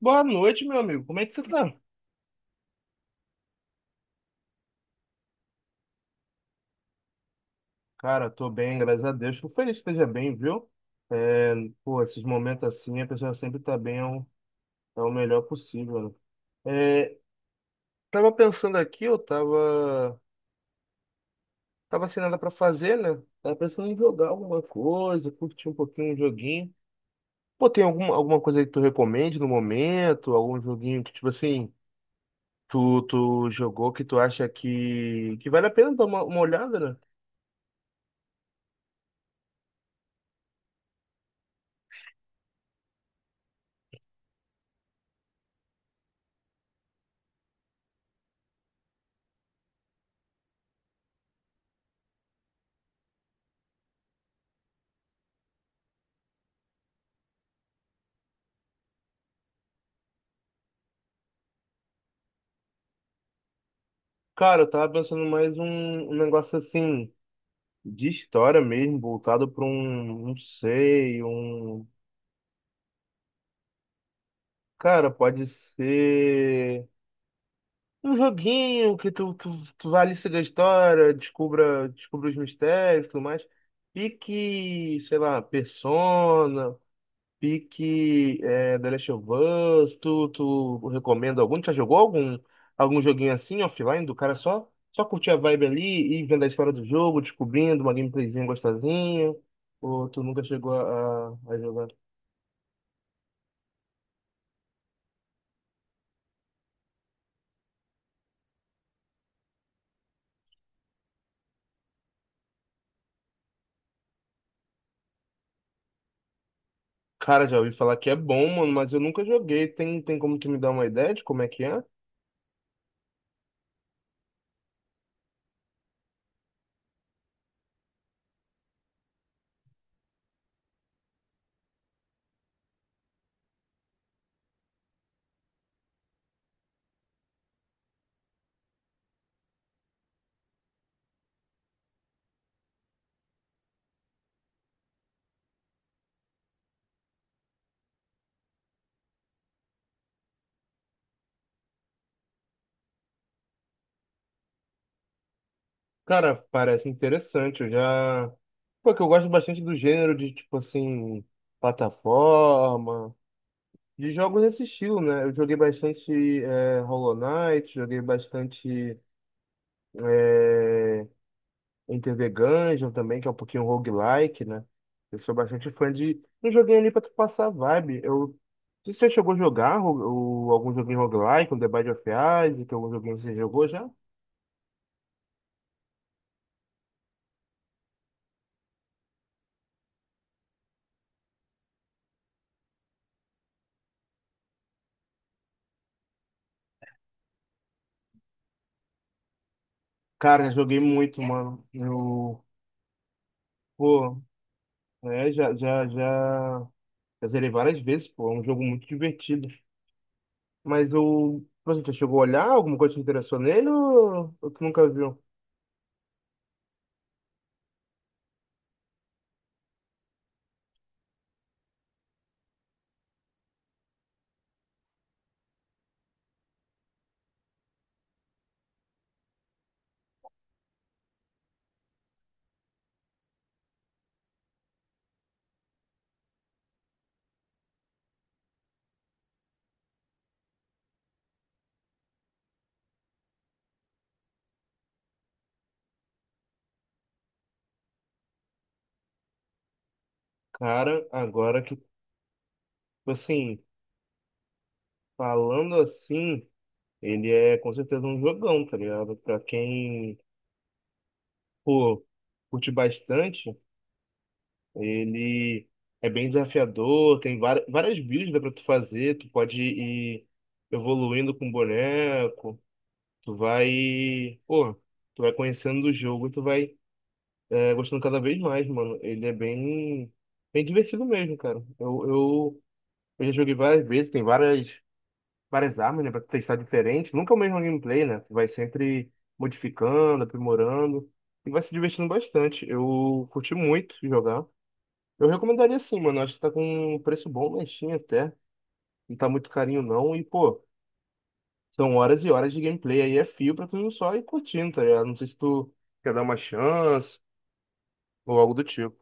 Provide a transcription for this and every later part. Boa noite, meu amigo. Como é que você tá? Cara, tô bem, graças a Deus. Fico feliz que esteja bem, viu? É, pô, esses momentos assim, a pessoa sempre tá bem, é o melhor possível, né? Tava pensando aqui, tava sem nada pra fazer, né? Tava pensando em jogar alguma coisa, curtir um pouquinho um joguinho. Pô, tem alguma coisa aí que tu recomende no momento? Algum joguinho que, tipo assim, tu jogou que tu acha que vale a pena dar uma olhada, né? Cara, eu tava pensando mais um negócio assim. De história mesmo, voltado para um, não sei, um. Cara, pode ser um joguinho que tu vai ali seguir a história, descubra os mistérios e tudo mais. E que, sei lá, Persona. Pique é, The Last of Us, tu recomenda algum? Tu já jogou algum joguinho assim, offline, do cara só, só curtir a vibe ali e vendo a história do jogo, descobrindo uma gameplayzinha gostosinha? Ou tu nunca chegou a jogar? Cara, já ouvi falar que é bom, mano, mas eu nunca joguei. Tem como tu me dar uma ideia de como é que é? Cara, parece interessante. Eu já. Porque eu gosto bastante do gênero de, tipo assim, plataforma. De jogos nesse estilo, né? Eu joguei bastante Hollow Knight, joguei bastante é, Enter the Gungeon também, que é um pouquinho roguelike, né? Eu sou bastante fã de. Não joguei ali pra tu passar a vibe. Não sei se você chegou a jogar algum joguinho roguelike, um The Binding of Isaac, algum joguinho que você jogou já? Cara, joguei muito, mano. Eu, pô, é, já zerei várias vezes, pô. É um jogo muito divertido. Mas o. Você já chegou a olhar? Alguma coisa te interessou nele ou tu nunca viu? Cara, agora que, tipo assim, falando assim, ele é com certeza um jogão, tá ligado? Pra quem, pô, curte bastante, ele é bem desafiador, tem várias builds dá pra tu fazer, tu pode ir evoluindo com o boneco, tu vai, pô, tu vai conhecendo o jogo, tu vai tá gostando cada vez mais, mano. Ele é bem divertido mesmo, cara. Eu já joguei várias vezes, tem várias armas, né, pra testar diferente. Nunca é o mesmo gameplay, né? Tu vai sempre modificando, aprimorando e vai se divertindo bastante. Eu curti muito jogar. Eu recomendaria sim, mano. Acho que tá com um preço bom na Steam até. Não tá muito carinho não. E, pô, são horas e horas de gameplay aí. É fio pra tu só ir curtindo, tá ligado? Não sei se tu quer dar uma chance ou algo do tipo.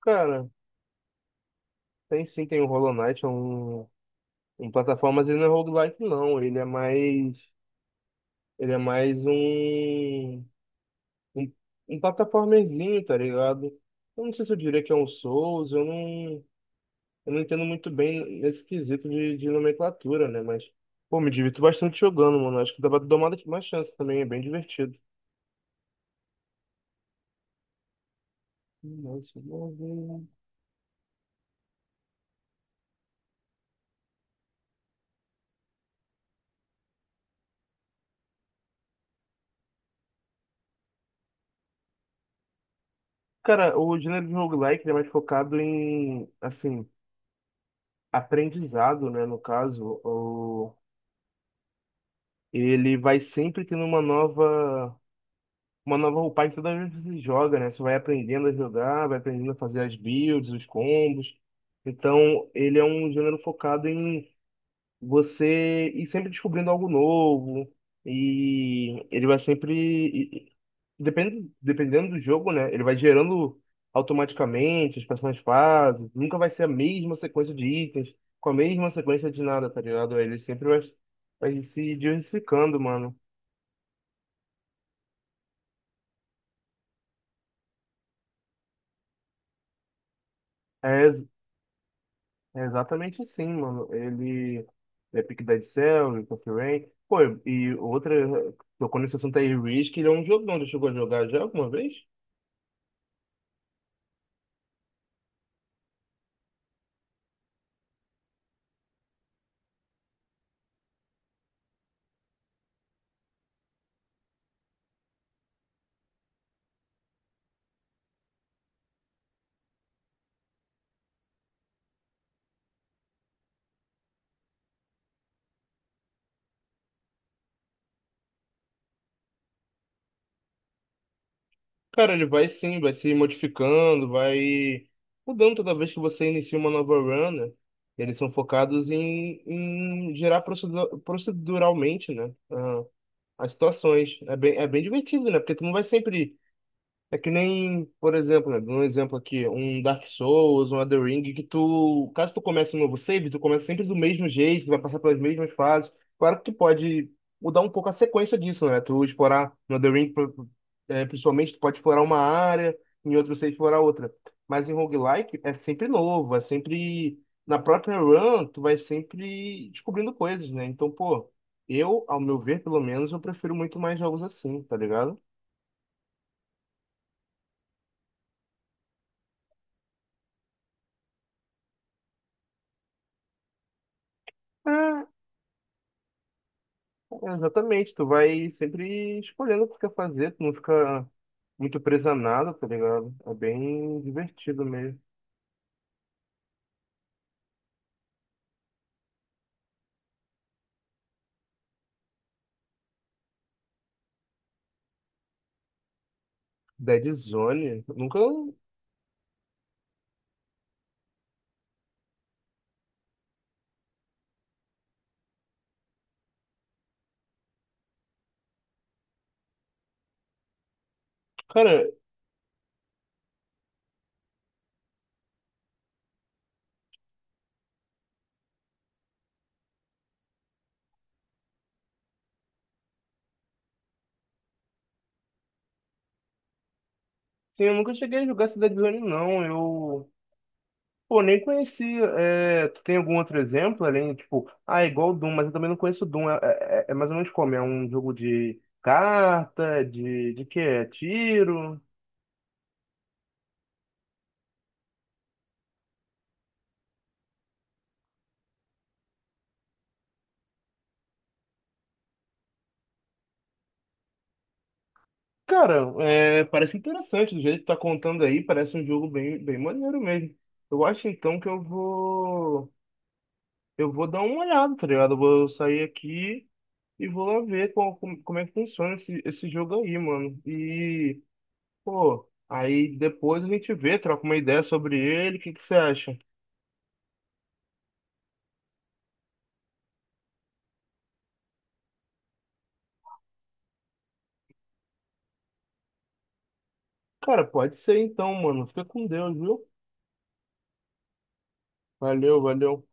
Cara. Tem sim, tem o Hollow Knight, é um... em plataformas ele não é roguelike não, ele é mais um, um plataformezinho, tá ligado? Eu não sei se eu diria que é um Souls, eu não entendo muito bem nesse quesito de nomenclatura, né? Mas, pô, me divirto bastante jogando, mano, acho que dá pra dar uma chance também, é bem divertido. Nossa, não vi. Cara, o gênero de roguelike ele é mais focado em, assim, aprendizado, né? No caso, ele vai sempre tendo uma nova roupagem toda vez que você joga, né? Você vai aprendendo a jogar, vai aprendendo a fazer as builds, os combos. Então, ele é um gênero focado em você ir sempre descobrindo algo novo. E ele vai sempre. Dependendo do jogo, né? Ele vai gerando automaticamente as próximas fases. Nunca vai ser a mesma sequência de itens, com a mesma sequência de nada, tá ligado? Ele sempre vai se diversificando, mano. É, é exatamente sim mano. Ele é pique Dead Cell, Rick of Rain. Pô, e outra, tocou nesse assunto aí, Risk, ele é um jogão. Já chegou a jogar já alguma vez? Cara, ele vai sim, vai se modificando, vai mudando toda vez que você inicia uma nova run, né? Eles são focados em, em gerar proceduralmente, né? As situações. É bem divertido, né? Porque tu não vai sempre é que nem, por exemplo, né, um exemplo aqui, um Dark Souls, um Elden Ring, que tu, caso tu comece um novo save, tu começa sempre do mesmo jeito, vai passar pelas mesmas fases. Claro que tu pode mudar um pouco a sequência disso, né? Tu explorar no Elden Ring, principalmente, tu pode explorar uma área, em outro save explorar outra. Mas em roguelike é sempre novo, é sempre na própria run, tu vai sempre descobrindo coisas, né? Então, pô, eu, ao meu ver, pelo menos, eu prefiro muito mais jogos assim, tá ligado? É, exatamente, tu vai sempre escolhendo o que tu quer fazer, tu não fica muito preso a nada, tá ligado? É bem divertido mesmo. Dead Zone, eu nunca. Cara, sim, eu nunca cheguei a jogar esse Dead Zone, não. Eu. Pô, nem conhecia. É, tu tem algum outro exemplo além, tipo, ah, é igual o Doom, mas eu também não conheço o Doom. É, é é mais ou menos como? É um jogo de carta, de quê? É tiro? Cara, é, parece interessante do jeito que tá contando aí, parece um jogo bem, bem maneiro mesmo. Eu acho então que eu vou dar uma olhada, tá ligado? Eu vou sair aqui e vou lá ver como, como, como é que funciona esse, esse jogo aí, mano. E, pô, aí depois a gente vê, troca uma ideia sobre ele, o que que você acha? Cara, pode ser então, mano. Fica com Deus, viu? Valeu, valeu.